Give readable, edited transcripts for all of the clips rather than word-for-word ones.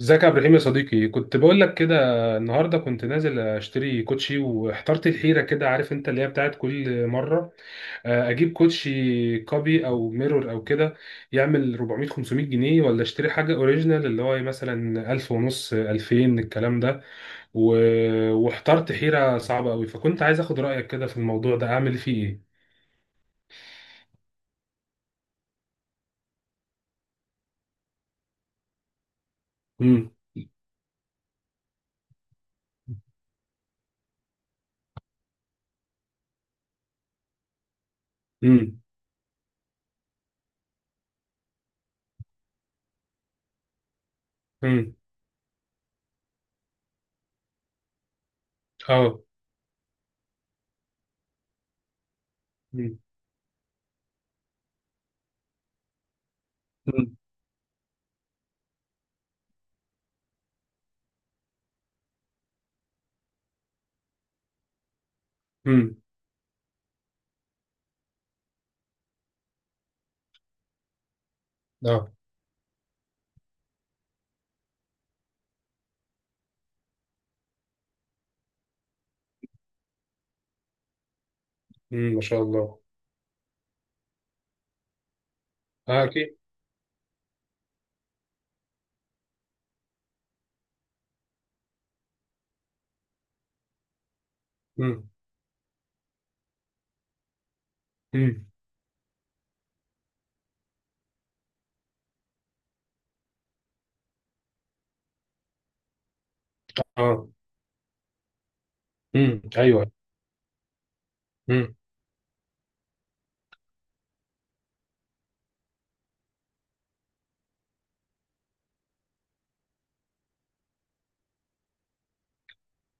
ازيك يا عبد الرحيم يا صديقي؟ كنت بقول لك كده. النهارده كنت نازل اشتري كوتشي واحترت الحيره كده، عارف انت اللي هي بتاعت كل مره. اجيب كوتشي كوبي او ميرور او كده، يعمل 400 500 جنيه، ولا اشتري حاجه اوريجينال اللي هو مثلا 1000 ونص 2000 الكلام ده. واحترت حيره صعبه قوي، فكنت عايز اخد رايك كده في الموضوع ده اعمل فيه ايه. امم. امم. امم. اه. امم. امم. اه. امم. ما شاء الله. اه اكيد. امم. اه. ايوه. امم.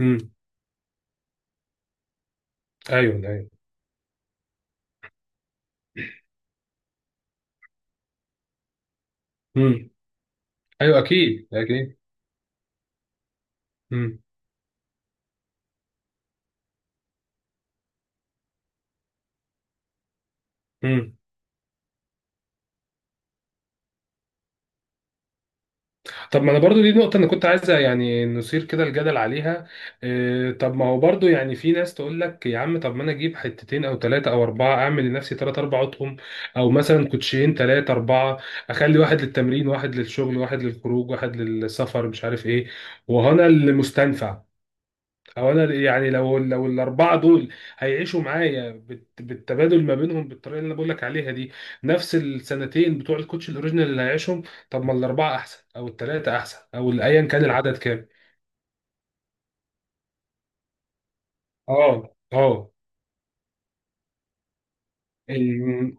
امم. ايوه ايوه. امم. ايوه اكيد اكيد. امم. امم. طب ما انا برضو دي نقطه انا كنت عايزه يعني نثير كده الجدل عليها. إيه، طب ما هو برضو يعني، في ناس تقول لك يا عم طب ما انا اجيب حتتين او ثلاثه او اربعه، اعمل لنفسي ثلاث اربع اطقم، او مثلا كوتشين ثلاثه اربعه، اخلي واحد للتمرين واحد للشغل واحد للخروج واحد للسفر مش عارف ايه. وهنا المستنفع، هو انا يعني لو الاربعه دول هيعيشوا معايا بالتبادل ما بينهم بالطريقه اللي انا بقول لك عليها دي، نفس السنتين بتوع الكوتش الاوريجينال اللي هيعيشهم. طب ما الاربعه احسن او الثلاثه احسن، او ايا كان العدد كام؟ اه اه. إن-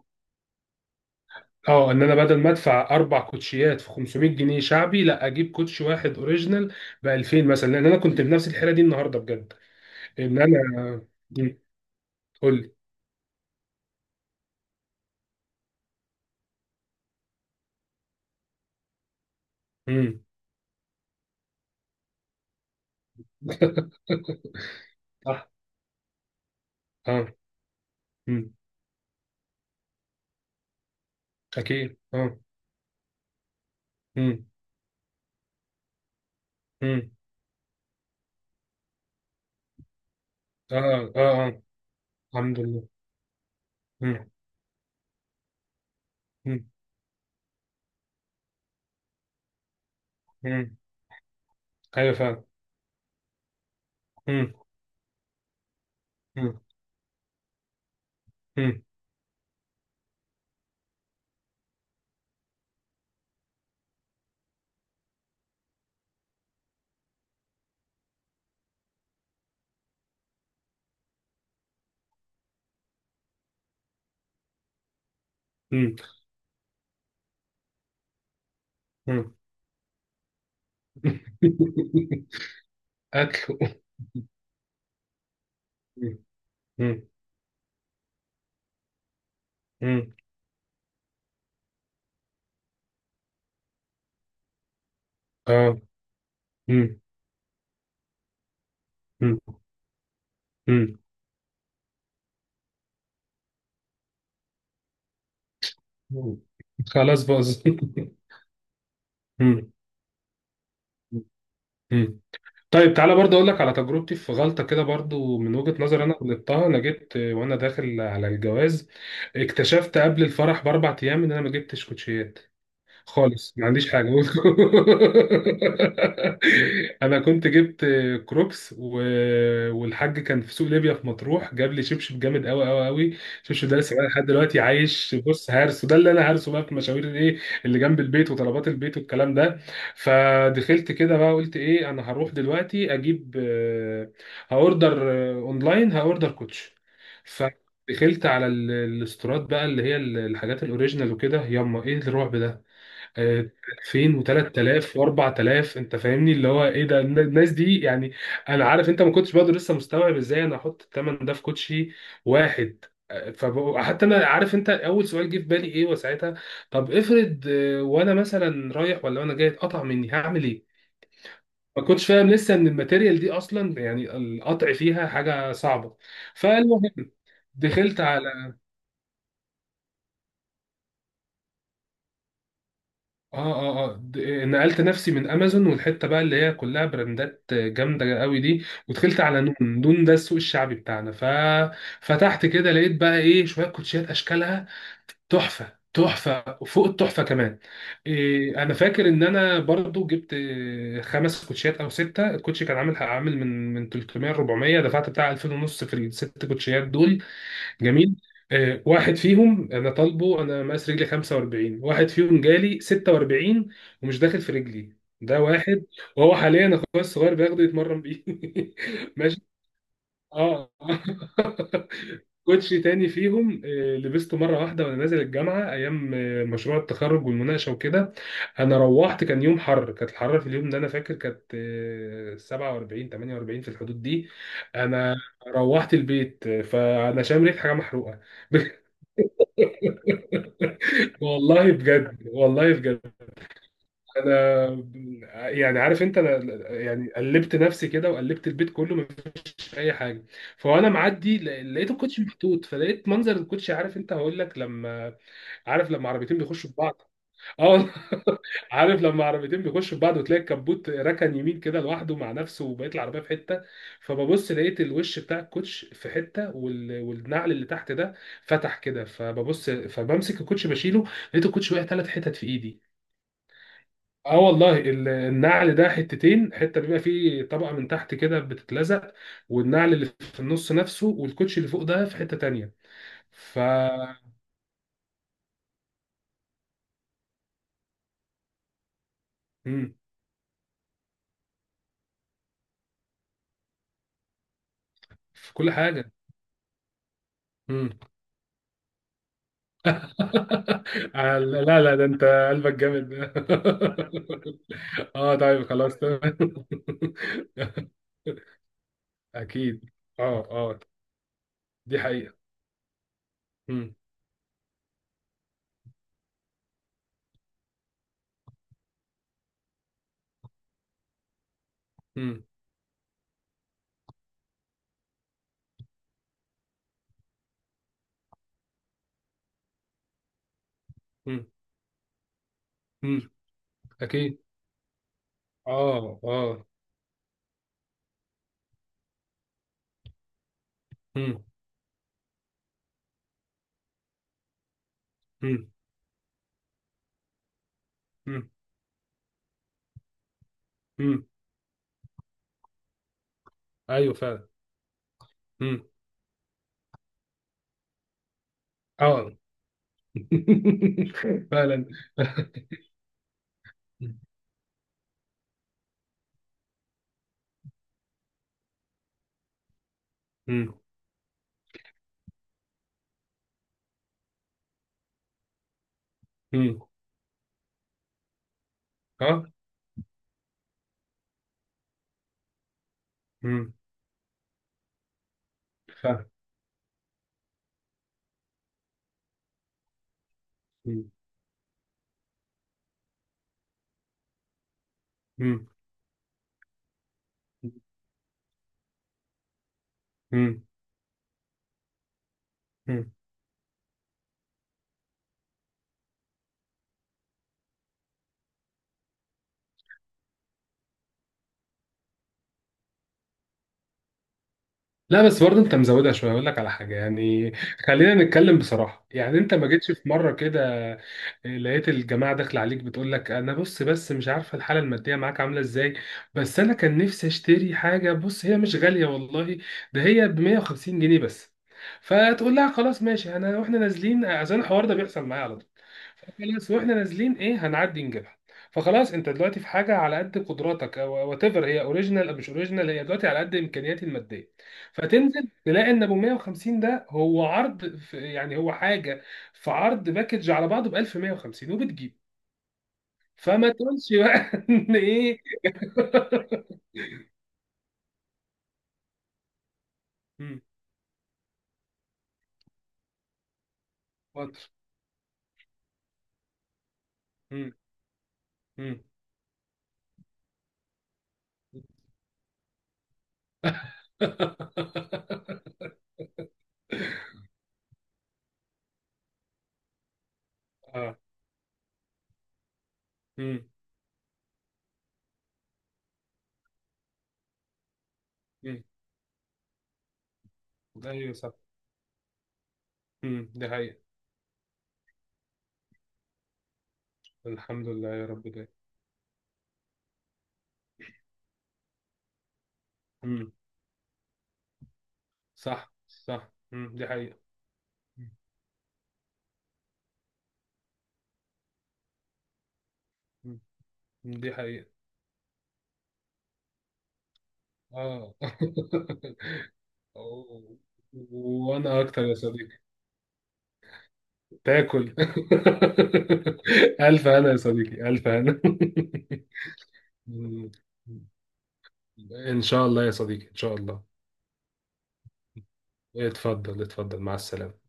اه ان انا بدل ما ادفع اربع كوتشيات في 500 جنيه شعبي، لا اجيب كوتش واحد اوريجينال ب 2000 مثلا، لان انا كنت بنفس الحيره دي النهارده بجد. ان انا، قول لي. امم. صح. اه. امم. اكيد. اه. مم. مم. اه اه اه. الحمد لله. مم. مم. مم. ايوه فعلا. مم. مم. مم. مم. مم. اكل. مم. مم. مم. اه. مم. مم. مم. مم. خلاص باظ. مم. مم. طيب تعالى برضه اقول لك على تجربتي في غلطه كده، برضه من وجهه نظر انا غلطتها. انا جبت وانا داخل على الجواز، اكتشفت قبل الفرح باربع ايام ان انا ما جبتش كوتشيات خالص، ما عنديش حاجه. انا كنت جبت كروكس والحاج كان في سوق ليبيا في مطروح جاب لي شبشب جامد قوي قوي قوي. الشبشب ده لسه بقى لحد دلوقتي عايش، بص، هارسه ده اللي انا هارسه بقى في مشاوير الايه اللي جنب البيت وطلبات البيت والكلام ده. فدخلت كده بقى قلت ايه، انا هروح دلوقتي اجيب هاوردر اونلاين، هاوردر كوتش. ف... دخلت على الاستورات بقى، اللي هي الحاجات الاوريجينال وكده، ياما ايه الرعب ده، آه، 2000 و3000 و4000. انت فاهمني اللي هو ايه ده، الناس دي يعني، انا عارف انت ما كنتش برضه لسه مستوعب ازاي انا احط الثمن ده في كوتشي واحد. فحتى انا عارف انت اول سؤال جه في بالي ايه وساعتها، طب افرض وانا مثلا رايح ولا وانا جاي اتقطع مني هعمل ايه؟ ما كنتش فاهم لسه ان الماتيريال دي اصلا يعني القطع فيها حاجه صعبه. فالمهم دخلت. اه اه اه. نقلت نفسي من امازون والحته بقى اللي هي كلها براندات جامده قوي دي، ودخلت على نون، نون ده السوق الشعبي بتاعنا. ففتحت كده لقيت بقى ايه، شويه كوتشيات اشكالها تحفه تحفه، وفوق التحفه كمان. إيه انا فاكر ان انا برضو جبت خمس كوتشيات او سته، الكوتشي كان عامل عامل من 300 400، دفعت بتاع 2000 ونص في الست كوتشيات دول. جميل. واحد فيهم انا طالبه، انا مقاس رجلي 45، واحد فيهم جالي 46 ومش داخل في رجلي، ده واحد. وهو حاليا اخويا الصغير بياخده يتمرن بيه. ماشي. اه. كوتشي تاني فيهم، لبسته مرة واحدة وأنا نازل الجامعة أيام مشروع التخرج والمناقشة وكده. أنا روحت كان يوم حر، كانت الحرارة في اليوم ده أنا فاكر كانت 47 48، في الحدود دي. أنا روحت البيت فأنا شام ريحة حاجة محروقة. والله بجد، والله بجد. أنا، يعني عارف أنت، أنا يعني قلبت نفسي كده وقلبت البيت كله، اي حاجه. فانا معدي لقيت الكوتش محطوط، فلقيت منظر الكوتش، عارف انت هقول لك لما، عارف لما عربيتين بيخشوا في بعض. اه والله. عارف لما عربيتين بيخشوا في بعض وتلاقي الكبوت ركن يمين كده لوحده مع نفسه وبقيت العربيه في حته. فببص لقيت الوش بتاع الكوتش في حته والنعل اللي تحت ده فتح كده، فببص فبمسك الكوتش بشيله، لقيت الكوتش وقع ثلاث حتت في ايدي. اه والله، النعل ده حتتين، حته بيبقى فيه طبقه من تحت كده بتتلزق، والنعل اللي في النص نفسه، والكوتش اللي فوق ده في حته تانية. ف، مم. في كل حاجه. مم. آه، لا لا لا، ده انت قلبك جامد. اه طيب خلاص تمام. اكيد. اه اه. دي حقيقه. مم. مم. مم. مم. اكيد. اه اه. مم. مم. مم. مم. ايوه فعلا. مم. اه. فعلا. مم. مم. اه. مم. فعلا. مم. مم. مم. مم. لا بس برضه انت مزودها شويه، اقول لك على حاجه يعني، خلينا نتكلم بصراحه، يعني انت ما جيتش في مره كده لقيت الجماعه داخله عليك بتقول لك انا بص، بس مش عارفه الحاله الماديه معاك عامله ازاي، بس انا كان نفسي اشتري حاجه بص، هي مش غاليه والله، ده هي ب 150 جنيه بس. فتقول لها خلاص ماشي، انا واحنا نازلين عشان الحوار ده بيحصل معايا، خلاص واحنا نازلين ايه هنعدي نجيبها. فخلاص انت دلوقتي في حاجه على قد قدراتك، او وات ايفر هي اوريجينال او مش اوريجينال، هي دلوقتي على قد امكانياتي الماديه. فتنزل تلاقي ان ابو 150 ده هو عرض، في يعني هو حاجه، في عرض باكج على بعضه ب 1150 وبتجيب. فما تقولش بقى ان ايه. مم، واتر. مم، مم. اه. امم. امم ايوه صح. امم. ده حقيقة. الحمد لله يا رب. ده صح صح. مم. دي حقيقة. مم. مم. دي حقيقة. اه. أوه. وانا اكتر يا صديقي، تاكل. الف انا يا صديقي، الف انا. ان شاء الله يا صديقي، ان شاء الله. اتفضل اتفضل، مع السلامة.